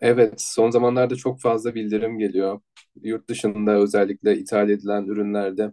Evet, son zamanlarda çok fazla bildirim geliyor. Yurt dışında özellikle ithal edilen ürünlerde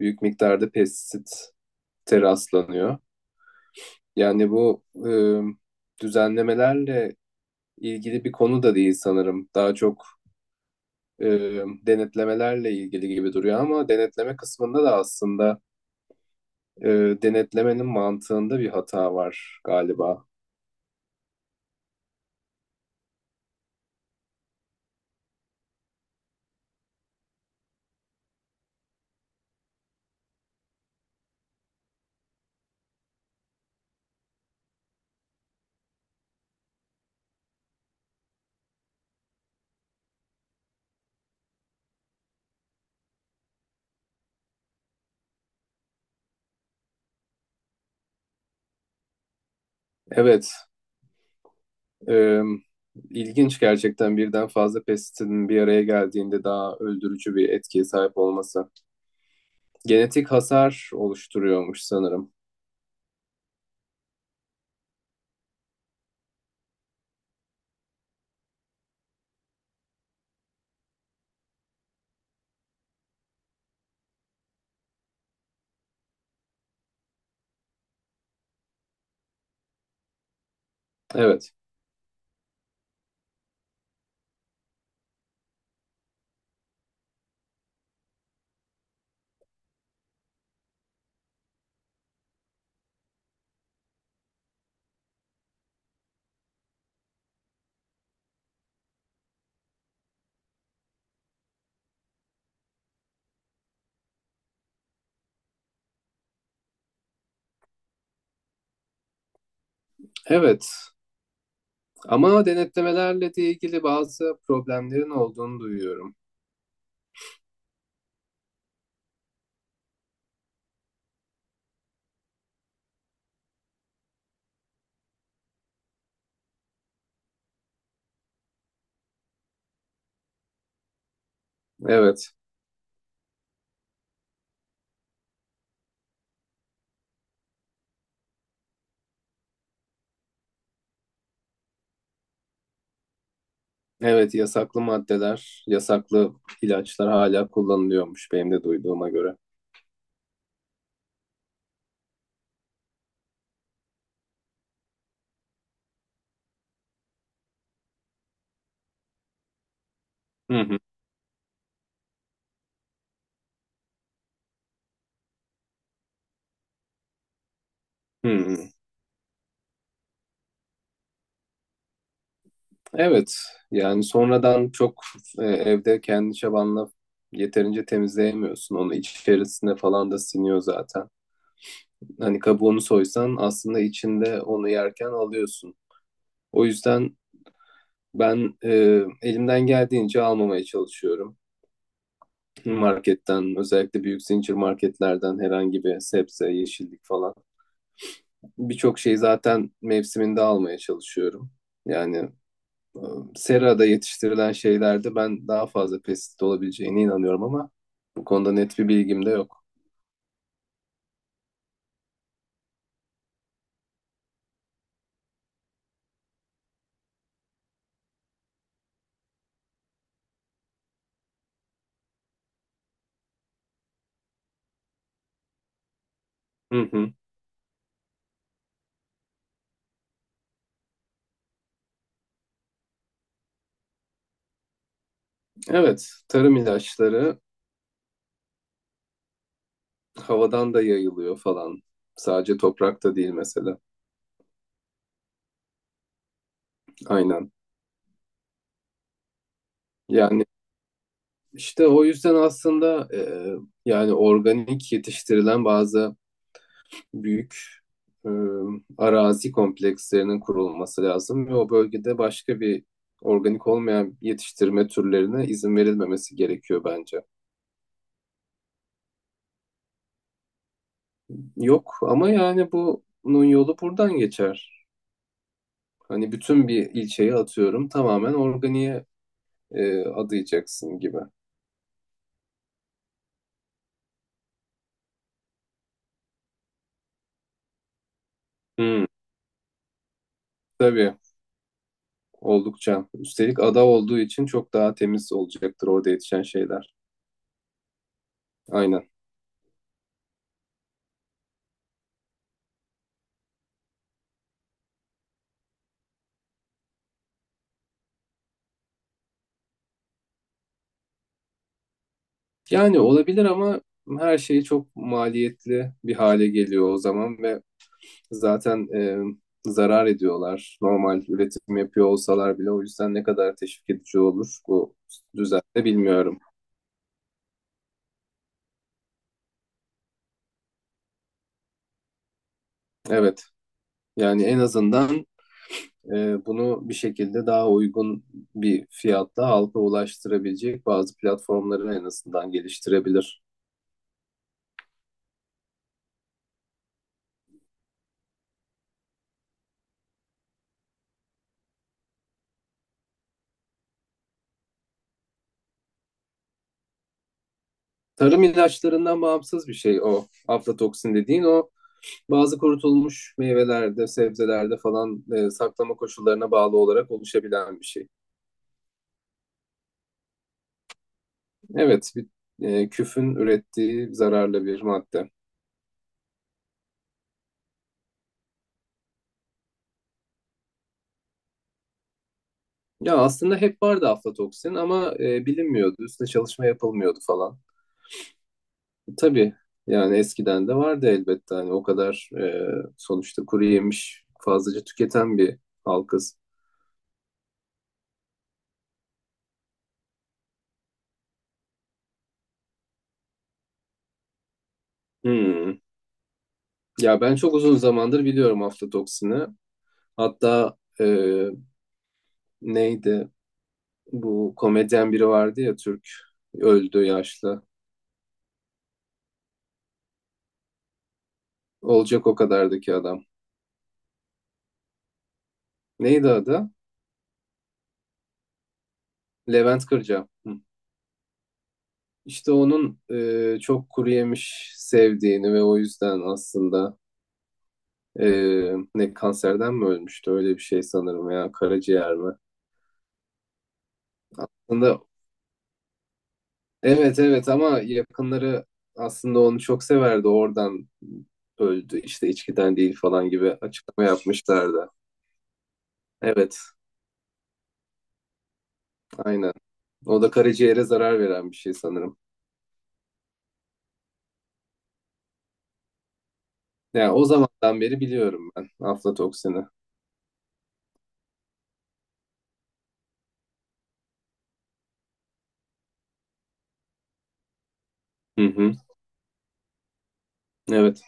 büyük miktarda pestisite rastlanıyor. Yani bu düzenlemelerle ilgili bir konu da değil sanırım. Daha çok e, denetlemelerle ilgili gibi duruyor ama denetleme kısmında da aslında e, denetlemenin mantığında bir hata var galiba. Evet. Ee, ilginç gerçekten birden fazla pestisidin bir araya geldiğinde daha öldürücü bir etkiye sahip olması. Genetik hasar oluşturuyormuş sanırım. Evet. Evet. Ama denetlemelerle de ilgili bazı problemlerin olduğunu duyuyorum. Evet. Evet, yasaklı maddeler, yasaklı ilaçlar hala kullanılıyormuş benim de duyduğuma göre. Hı hı. Hı. Evet, yani sonradan çok evde kendi çabanla yeterince temizleyemiyorsun. Onu içerisine falan da siniyor zaten. Hani kabuğunu soysan aslında içinde onu yerken alıyorsun. O yüzden ben elimden geldiğince almamaya çalışıyorum. Marketten, özellikle büyük zincir marketlerden herhangi bir sebze, yeşillik falan. Birçok şeyi zaten mevsiminde almaya çalışıyorum. Yani serada yetiştirilen şeylerde ben daha fazla pestisit olabileceğine inanıyorum ama bu konuda net bir bilgim de yok. Hı hı. Evet, tarım ilaçları havadan da yayılıyor falan. Sadece toprakta değil mesela. Aynen. Yani işte o yüzden aslında yani organik yetiştirilen bazı büyük e, arazi komplekslerinin kurulması lazım ve o bölgede başka bir organik olmayan yetiştirme türlerine izin verilmemesi gerekiyor bence. Yok ama yani bunun yolu buradan geçer. Hani bütün bir ilçeyi atıyorum tamamen organiğe adayacaksın gibi. Hmm, tabii oldukça. Üstelik ada olduğu için çok daha temiz olacaktır orada yetişen şeyler. Aynen. Yani olabilir ama her şey çok maliyetli bir hale geliyor o zaman ve zaten zarar ediyorlar. Normal üretim yapıyor olsalar bile o yüzden ne kadar teşvik edici olur bu düzende bilmiyorum. Evet, yani en azından bunu bir şekilde daha uygun bir fiyatla halka ulaştırabilecek bazı platformları en azından geliştirebilir. Tarım ilaçlarından bağımsız bir şey o aflatoksin dediğin, o bazı kurutulmuş meyvelerde, sebzelerde falan saklama koşullarına bağlı olarak oluşabilen bir şey. Evet, bir, küfün ürettiği zararlı bir madde. Ya aslında hep vardı aflatoksin ama bilinmiyordu, üstüne çalışma yapılmıyordu falan. Tabii, yani eskiden de vardı elbette hani o kadar sonuçta kuru yemiş fazlaca tüketen bir halkız. Hmm. Ya ben çok uzun zamandır biliyorum aflatoksini. Hatta neydi bu komedyen biri vardı ya, Türk, öldü, yaşlı. Olacak o kadardaki adam. Neydi adı? Levent Kırca. Hı. İşte onun çok kuru yemiş sevdiğini ve o yüzden aslında e, ne kanserden mi ölmüştü öyle bir şey sanırım ya, karaciğer mi? Aslında evet, evet ama yakınları aslında onu çok severdi, oradan öldü işte, içkiden değil falan gibi açıklama yapmışlardı. Evet, aynen, o da karaciğere zarar veren bir şey sanırım. Yani o zamandan beri biliyorum ben aflatoksini. Hı hı. Evet.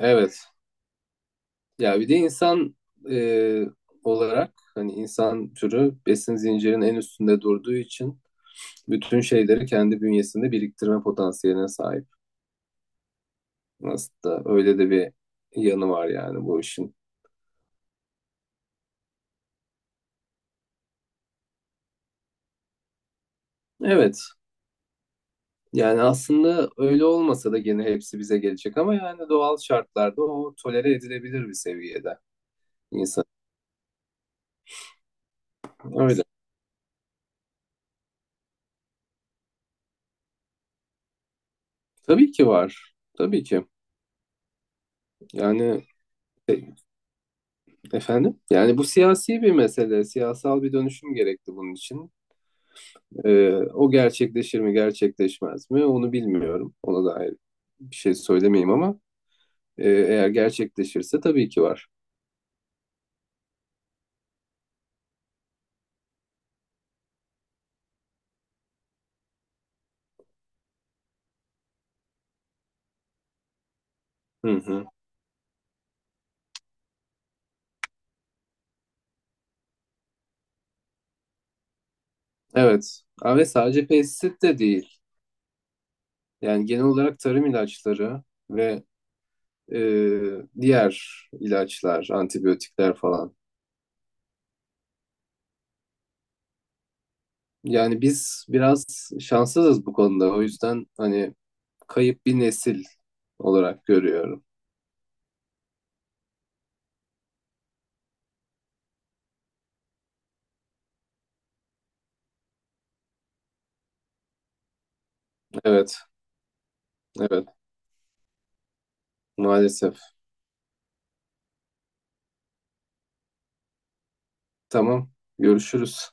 Evet. Ya bir de insan e, olarak hani insan türü besin zincirinin en üstünde durduğu için bütün şeyleri kendi bünyesinde biriktirme potansiyeline sahip. Aslında öyle de bir yanı var yani bu işin. Evet. Yani aslında öyle olmasa da gene hepsi bize gelecek ama yani doğal şartlarda o tolere edilebilir bir seviyede insan. Öyle. Tabii ki var. Tabii ki. Yani e, efendim, yani bu siyasi bir mesele, siyasal bir dönüşüm gerekti bunun için. O gerçekleşir mi gerçekleşmez mi onu bilmiyorum. Ona dair bir şey söylemeyeyim ama eğer gerçekleşirse tabii ki var. Hı hı. Evet. Ha, ve sadece pestisit de değil. Yani genel olarak tarım ilaçları ve e, diğer ilaçlar, antibiyotikler falan. Yani biz biraz şanssızız bu konuda. O yüzden hani kayıp bir nesil olarak görüyorum. Evet, evet, maalesef. Tamam, görüşürüz.